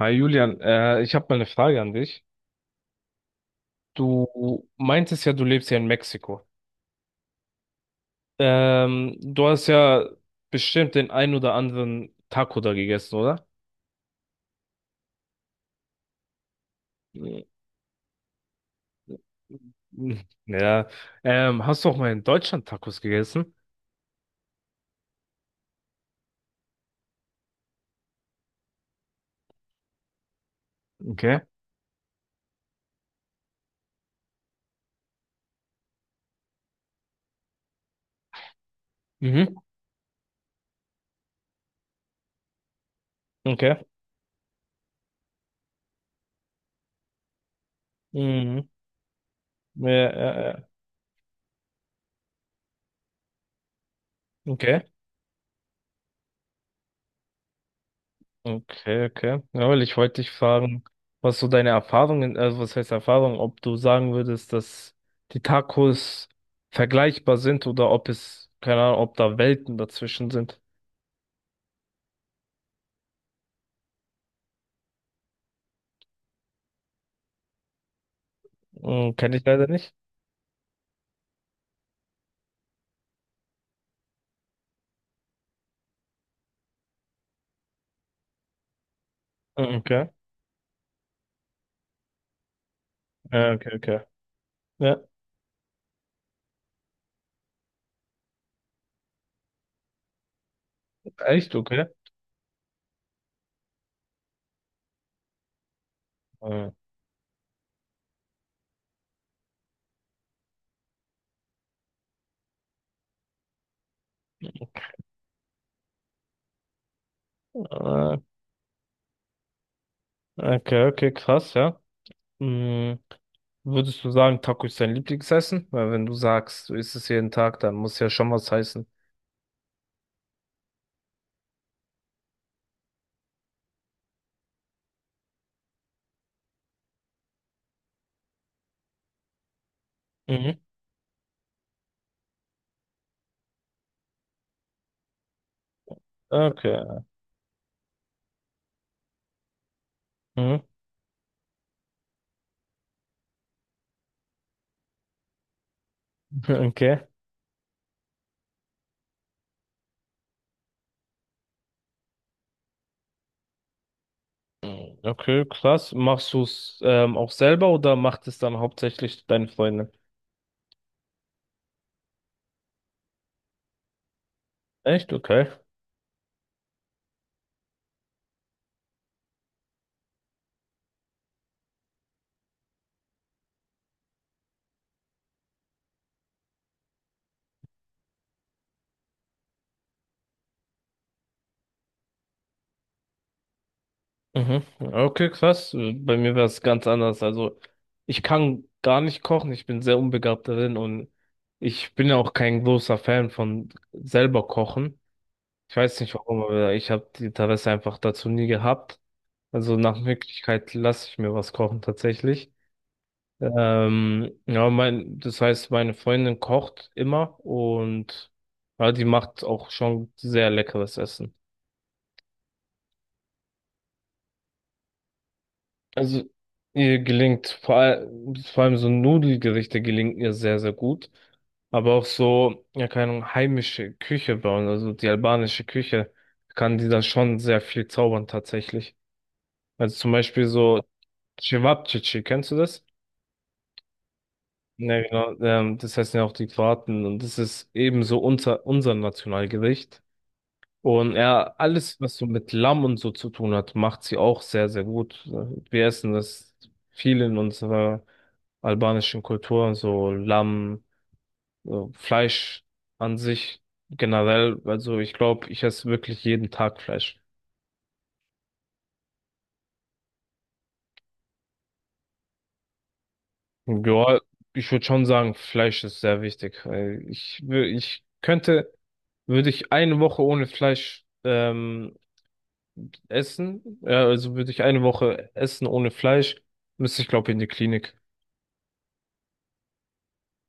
Hi Julian, ich habe mal eine Frage an dich. Du meintest ja, du lebst ja in Mexiko. Du hast ja bestimmt den ein oder anderen Taco da gegessen, oder? Mhm. Ja. Hast du auch mal in Deutschland Tacos gegessen? Okay. Mhm. Okay. Mhm. Ja, ja, ja. Okay. Okay, okay. Ja, weil ich wollte dich fragen, was so deine Erfahrungen, also was heißt Erfahrung, ob du sagen würdest, dass die Tacos vergleichbar sind oder ob es, keine Ahnung, ob da Welten dazwischen sind. Hm, kenne ich leider nicht. Hm, okay. Ja, okay, okay. Ja, echt, okay. Hm. Äh, Okay, okay, krass, ja. Hm, würdest du sagen, Taco ist dein Lieblingsessen? Weil wenn du sagst, du isst es jeden Tag, dann muss ja schon was heißen. Mhm. Okay. Mhm. Okay. Okay, krass. Machst du es auch selber oder macht es dann hauptsächlich deine Freundin? Echt? Okay. Mhm. Okay, krass. Bei mir wäre es ganz anders. Also ich kann gar nicht kochen. Ich bin sehr unbegabt darin und ich bin ja auch kein großer Fan von selber kochen. Ich weiß nicht warum, aber ich habe die Interesse einfach dazu nie gehabt. Also nach Möglichkeit lasse ich mir was kochen tatsächlich. Ja, das heißt, meine Freundin kocht immer und ja, die macht auch schon sehr leckeres Essen. Also ihr gelingt vor allem so Nudelgerichte gelingen ihr sehr, sehr gut. Aber auch so, ja, keine Ahnung, heimische Küche bauen, also die albanische Küche, kann die da schon sehr viel zaubern tatsächlich. Also zum Beispiel so Cevapcici, kennst du das? Ja, genau. Das heißen ja auch die Kroaten und das ist ebenso unser Nationalgericht. Und ja, alles, was so mit Lamm und so zu tun hat, macht sie auch sehr, sehr gut. Wir essen das viel in unserer albanischen Kultur, so Lamm, so Fleisch an sich generell. Also ich glaube, ich esse wirklich jeden Tag Fleisch. Ja, ich würde schon sagen, Fleisch ist sehr wichtig, weil Ich, wür- ich könnte, würde ich eine Woche ohne Fleisch essen, ja, also würde ich eine Woche essen ohne Fleisch, müsste ich glaube in die Klinik.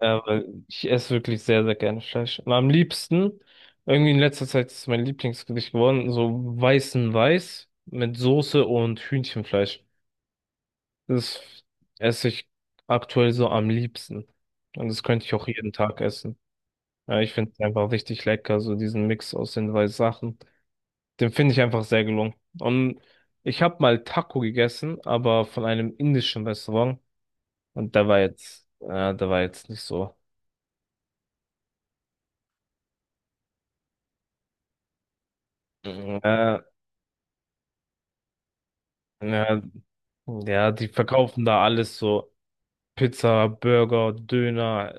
Ja, weil ich esse wirklich sehr, sehr gerne Fleisch. Und am liebsten, irgendwie in letzter Zeit ist es mein Lieblingsgericht geworden, so weißen Weiß mit Soße und Hühnchenfleisch. Das esse ich aktuell so am liebsten. Und das könnte ich auch jeden Tag essen. Ja, ich finde es einfach richtig lecker, so diesen Mix aus den zwei Sachen. Den finde ich einfach sehr gelungen. Und ich habe mal Taco gegessen, aber von einem indischen Restaurant. Und da war jetzt nicht so. Mhm. Ja, ja, die verkaufen da alles so. Pizza, Burger, Döner.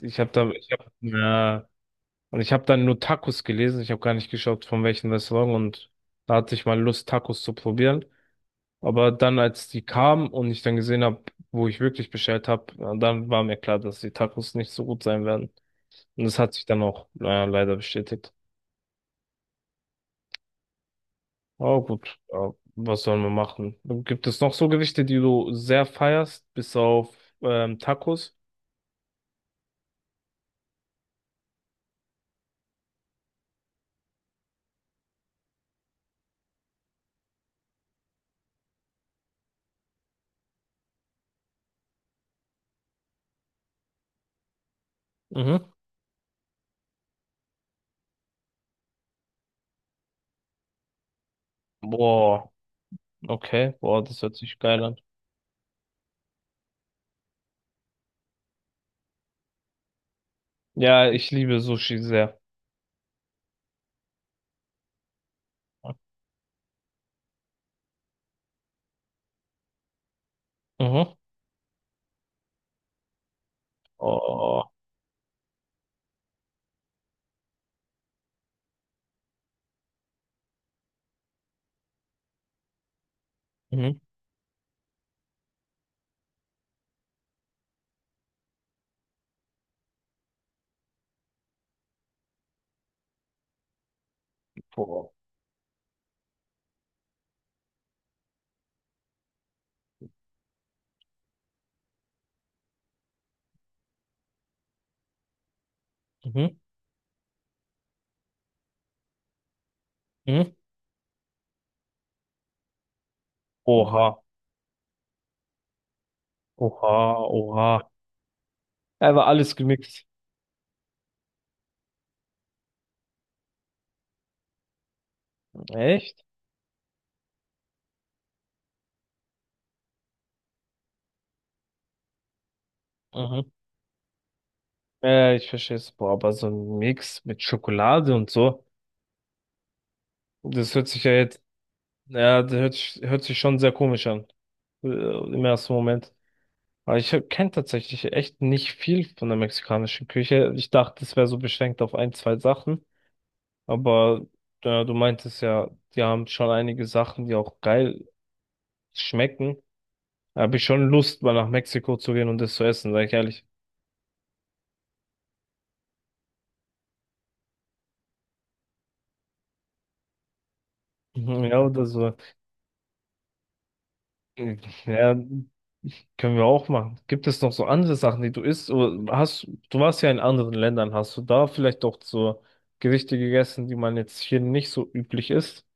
Ich habe da, ich hab, ja, und ich habe dann nur Tacos gelesen. Ich habe gar nicht geschaut, von welchem Restaurant. Und da hatte ich mal Lust, Tacos zu probieren. Aber dann, als die kam und ich dann gesehen habe, wo ich wirklich bestellt habe, dann war mir klar, dass die Tacos nicht so gut sein werden. Und das hat sich dann auch leider bestätigt. Aber gut, ja, was sollen wir machen? Gibt es noch so Gerichte, die du sehr feierst, bis auf Tacos? Mhm. Boah, okay, boah, das hört sich geil an. Ja, ich liebe Sushi sehr. Mhm. Oh, mhm. Boah. Mhm. Mhm. Oha, oha, oha. Er war alles gemixt. Echt? Mhm. Ja, ich verstehe es. Boah, aber so ein Mix mit Schokolade und so, das hört sich ja jetzt, ja, das hört sich schon sehr komisch an. Im ersten Moment. Aber ich kenne tatsächlich echt nicht viel von der mexikanischen Küche. Ich dachte, es wäre so beschränkt auf ein, zwei Sachen. Aber du meintest ja, die haben schon einige Sachen, die auch geil schmecken. Da habe ich schon Lust, mal nach Mexiko zu gehen und das zu essen, sag ich ehrlich. Mhm, ja, oder so. Ja, können wir auch machen. Gibt es noch so andere Sachen, die du isst? Oder du warst ja in anderen Ländern. Hast du da vielleicht auch so Gerichte gegessen, die man jetzt hier nicht so üblich isst?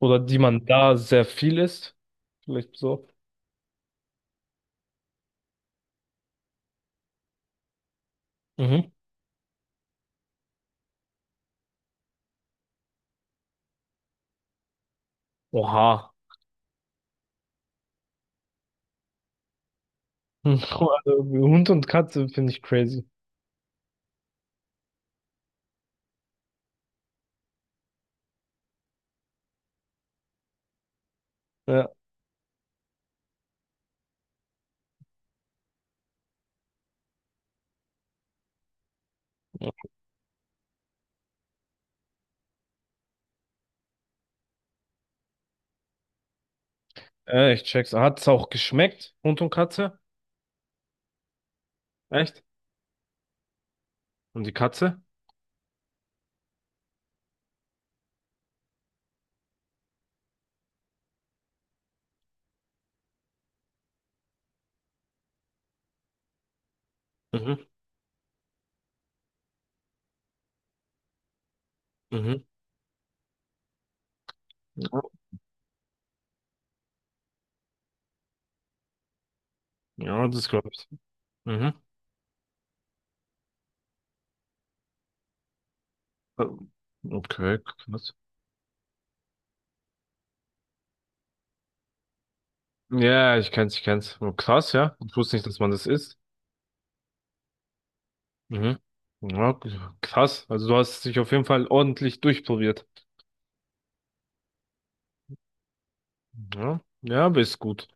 Oder die man da sehr viel isst? Vielleicht so. Mhm. Oha. Also, Hund und Katze finde ich crazy. Ja. Ich check's. Hat es auch geschmeckt? Hund und Katze? Echt? Und die Katze? Mhm. Mhm. Ja, das glaube ich. Mhm. Ähm, Okay, krass. Ja, ich kenn's, ich kenn's. Oh, krass, ja. Ich wusste nicht, dass man das isst. Mhm. Ja, k- Krass. Also du hast dich auf jeden Fall ordentlich durchprobiert. Ja, ja, aber ist gut.